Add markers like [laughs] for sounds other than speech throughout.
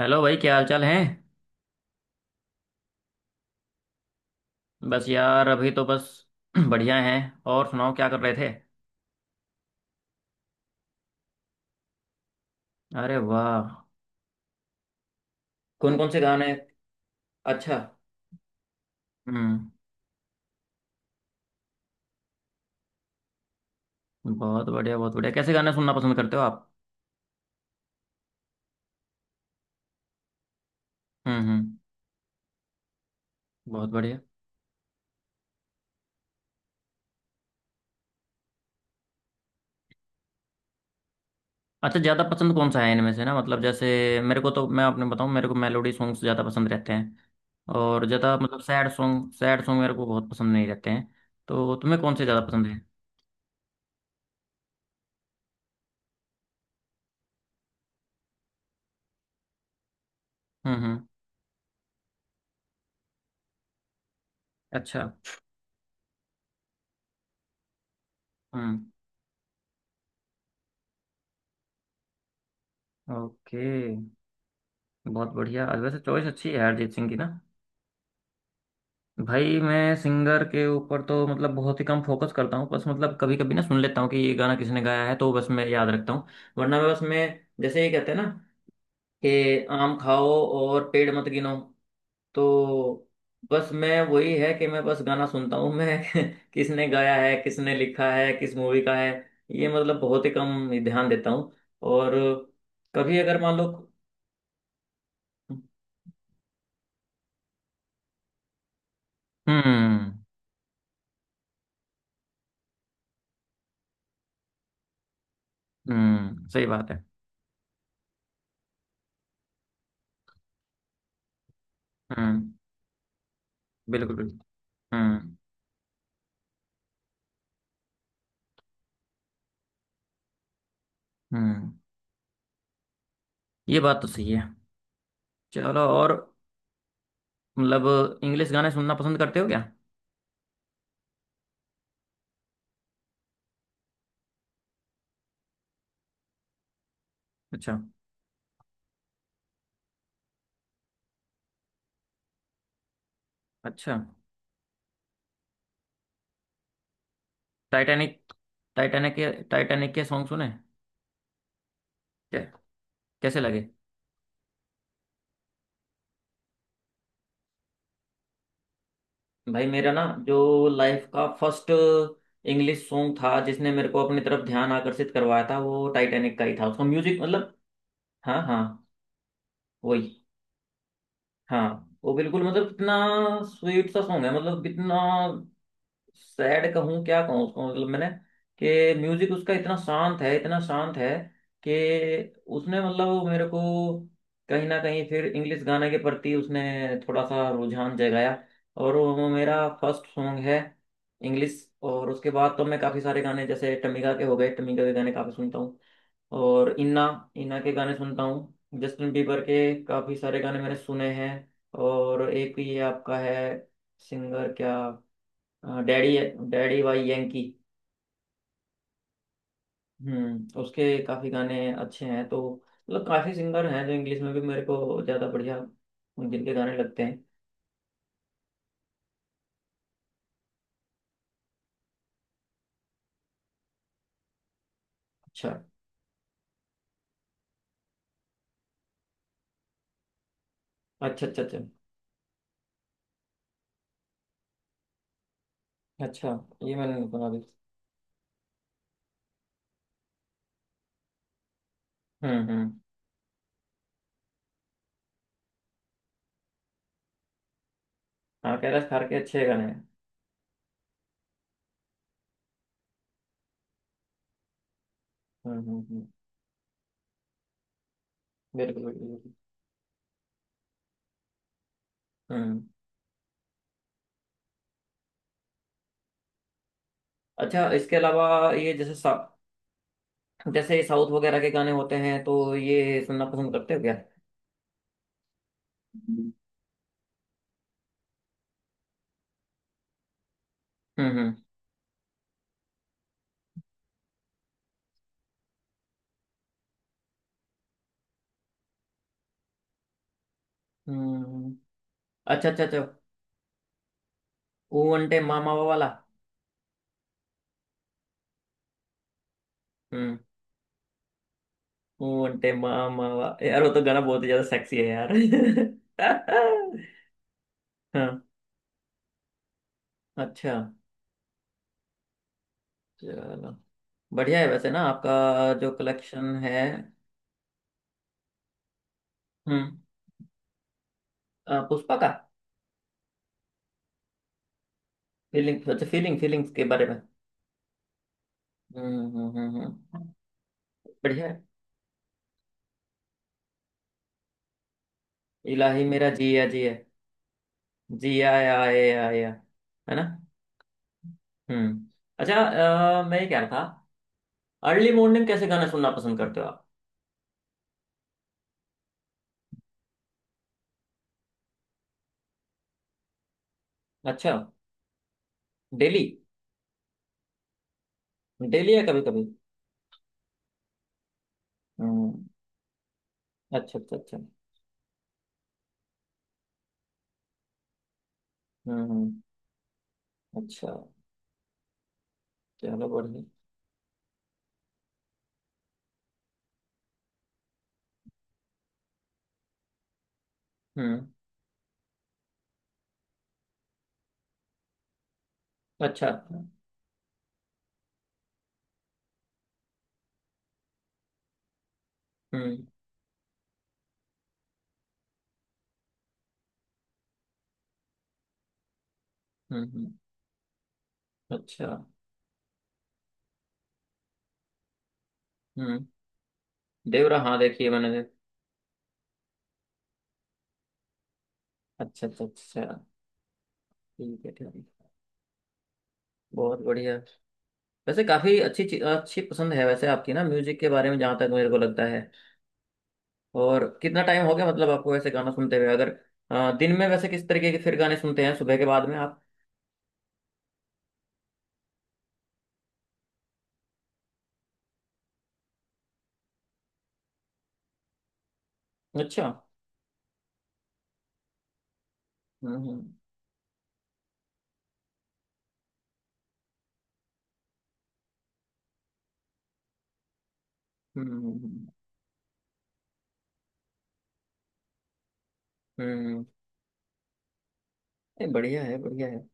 Hello भाई, क्या हाल चाल है। बस यार, अभी तो बस [clears throat] बढ़िया हैं। और सुनाओ, क्या कर रहे थे। अरे वाह। कौन कौन से गाने। अच्छा। हम्म। बहुत बढ़िया, बहुत बढ़िया। कैसे गाने सुनना पसंद करते हो आप। हम्म। बहुत बढ़िया। अच्छा, ज़्यादा पसंद कौन सा है इनमें से ना, मतलब जैसे मेरे को तो, मैं आपने बताऊँ, मेरे को मेलोडी सॉन्ग्स ज़्यादा पसंद रहते हैं। और ज़्यादा मतलब सैड सॉन्ग, सैड सॉन्ग मेरे को बहुत पसंद नहीं रहते हैं। तो तुम्हें कौन से ज़्यादा पसंद है। हम्म। अच्छा। हम्म। ओके। बहुत बढ़िया। और वैसे चॉइस अच्छी है यार, अरिजीत सिंह की ना। भाई मैं सिंगर के ऊपर तो मतलब बहुत ही कम फोकस करता हूँ, बस मतलब कभी कभी ना सुन लेता हूँ कि ये गाना किसने गाया है, तो बस मैं याद रखता हूँ। वरना मैं बस मैं जैसे ये कहते हैं ना कि आम खाओ और पेड़ मत गिनो, तो बस मैं वही है कि मैं बस गाना सुनता हूँ मैं। [laughs] किसने गाया है, किसने लिखा है, किस मूवी का है, ये मतलब बहुत ही कम ध्यान देता हूँ। और कभी अगर मान लो। हम्म हम्म, सही बात है। हम्म। बिल्कुल बिल्कुल। हम्म हम्म। ये बात तो सही है। चलो। और मतलब इंग्लिश गाने सुनना पसंद करते हो क्या। अच्छा अच्छा। टाइटैनिक। टाइटैनिक के, टाइटैनिक के सॉन्ग सुने। क्या, कैसे लगे। भाई मेरा ना जो लाइफ का फर्स्ट इंग्लिश सॉन्ग था जिसने मेरे को अपनी तरफ ध्यान आकर्षित करवाया था, वो टाइटैनिक का ही था, उसका म्यूजिक मतलब। हाँ हाँ। वही। हाँ, वो बिल्कुल मतलब इतना स्वीट सा सॉन्ग है, मतलब इतना सैड कहूँ, क्या कहूँ उसको, मतलब मैंने कि म्यूजिक उसका इतना शांत है, इतना शांत है कि उसने मतलब वो मेरे को कहीं ना कहीं फिर इंग्लिश गाने के प्रति उसने थोड़ा सा रुझान जगाया। और वो मेरा फर्स्ट सॉन्ग है इंग्लिश। और उसके बाद तो मैं काफ़ी सारे गाने जैसे टमिका के हो गए, टमिका के गाने काफ़ी सुनता हूँ। और इन्ना, इन्ना के गाने सुनता हूँ। जस्टिन बीबर के काफ़ी सारे गाने मैंने सुने हैं। और एक ये आपका है सिंगर क्या, हाँ, डैडी। Daddy Yankee. हम्म, उसके काफी गाने अच्छे हैं, तो मतलब काफी सिंगर हैं जो इंग्लिश में भी मेरे को ज्यादा बढ़िया जिनके गाने लगते हैं। अच्छा अच्छा अच्छा। अच्छा अच्छा, ये मैंने नहीं सुना अभी। हम्म। हाँ, कैलाश खार के अच्छे गाने हैं। हम्म हम्म हम्म, बिल्कुल बिल्कुल बिल्कुल। हम्म। अच्छा, इसके अलावा ये जैसे साउथ वगैरह के गाने होते हैं, तो ये सुनना पसंद करते हो क्या। हम्म हम्म हम्म हम्म। अच्छा अच्छा अच्छा। ओ अंटे मामा वाला। हम्म। यार वो तो गाना बहुत ही ज्यादा सेक्सी है यार। [laughs] हाँ। अच्छा। चलो, बढ़िया है वैसे ना आपका जो कलेक्शन है। हम्म। पुष्पा का फीलिंग, अच्छा, फीलिंग, फीलिंग्स के बारे में। हम्म हम्म हम्म हम्म। बढ़िया है। इलाही मेरा जिया जिया, जिया आए आया, है ना। हम्म। अच्छा। मैं ये कह रहा था, अर्ली मॉर्निंग कैसे गाना सुनना पसंद करते हो आप। अच्छा। डेली। डेली या कभी कभी। हम्म। अच्छा अच्छा अच्छा। हम्म। अच्छा, चलो बढ़िया। हम्म। अच्छा। हम्म। अच्छा। हम्म। देवरा, हाँ देखिए मैंने देख-। अच्छा अच्छा अच्छा। ठीक है, ठीक है। बहुत बढ़िया। वैसे काफी अच्छी चीज, अच्छी पसंद है वैसे आपकी ना म्यूजिक के बारे में, जहाँ तक मेरे को लगता है। और कितना टाइम हो गया, मतलब आपको वैसे गाना सुनते हुए अगर, दिन में वैसे किस तरीके के फिर गाने सुनते हैं सुबह के बाद में आप। अच्छा। हम्म हम्म हम्म हम्म हम्म, नहीं, बढ़िया है, बढ़िया है।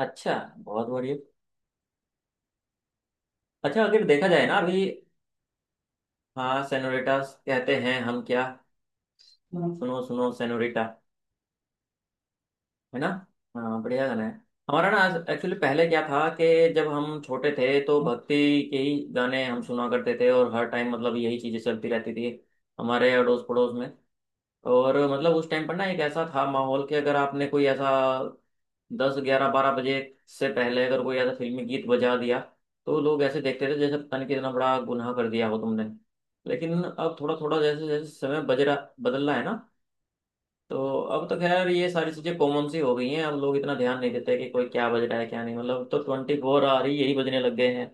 अच्छा, बहुत बढ़िया। अच्छा, अगर देखा जाए ना अभी, हाँ, सेनोरिटा कहते हैं हम क्या। हम्म। सुनो सुनो सेनोरिटा, है ना। हाँ, बढ़िया गाना है। हमारा ना आज एक्चुअली पहले क्या था कि जब हम छोटे थे तो भक्ति के ही गाने हम सुना करते थे, और हर टाइम मतलब यही चीजें चलती रहती थी हमारे अड़ोस पड़ोस में। और मतलब उस टाइम पर ना एक ऐसा था माहौल कि अगर आपने कोई ऐसा 10, 11, 12 बजे से पहले अगर कोई ऐसा फिल्मी गीत बजा दिया, तो लोग ऐसे देखते थे जैसे पता नहीं कितना बड़ा गुनाह कर दिया हो तुमने। लेकिन अब थोड़ा थोड़ा जैसे जैसे समय बजरा, बदल रहा है ना, तो अब तो खैर ये सारी चीजें कॉमन सी हो गई हैं, अब लोग इतना ध्यान नहीं देते कि कोई क्या बज रहा है क्या नहीं, मतलब तो 24 आ रही यही बजने लग गए हैं।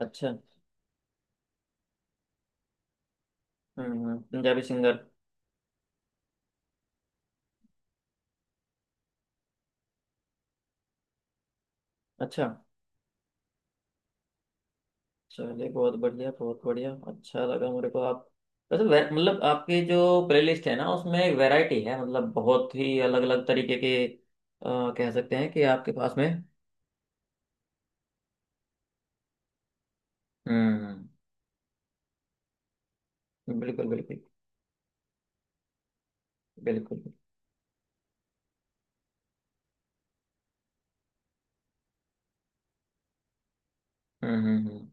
अच्छा। पंजाबी सिंगर। अच्छा। चलिए, बहुत बढ़िया, बहुत बढ़िया, अच्छा लगा मेरे को आप, वैसे मतलब आपकी जो प्लेलिस्ट है ना उसमें वैरायटी है, मतलब बहुत ही अलग अलग तरीके के, अ, कह सकते हैं कि आपके पास में। हम्म। बिल्कुल बिल्कुल बिल्कुल। हम्म हम्म हम्म।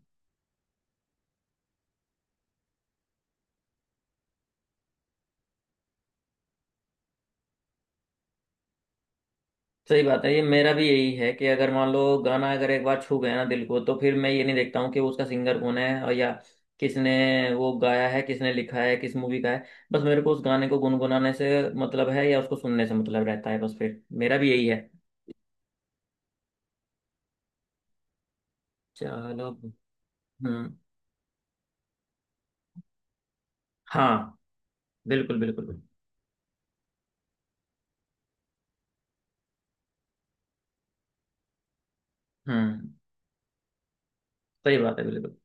सही बात है, ये मेरा भी यही है कि अगर मान लो गाना अगर एक बार छू गया ना दिल को, तो फिर मैं ये नहीं देखता हूँ कि उसका सिंगर कौन है और या किसने वो गाया है, किसने लिखा है, किस मूवी का है, बस मेरे को उस गाने को गुनगुनाने से मतलब है या उसको सुनने से मतलब रहता है बस, फिर मेरा भी यही है। चलो। हम्म। हाँ, बिल्कुल बिल्कुल बिल्कुल। हम्म। सही बात है, बिल्कुल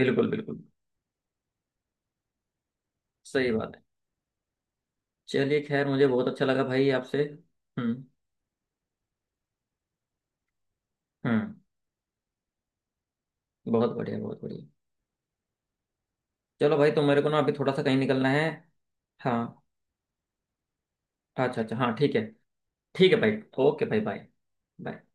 बिल्कुल बिल्कुल। सही बात है। चलिए, खैर मुझे बहुत अच्छा लगा भाई आपसे। हम्म हम्म। बहुत बढ़िया, बहुत बढ़िया। चलो भाई, तो मेरे को ना अभी थोड़ा सा कहीं निकलना है। हाँ। अच्छा अच्छा, हाँ ठीक है। ठीक है भाई। ओके भाई, बाय। बाय।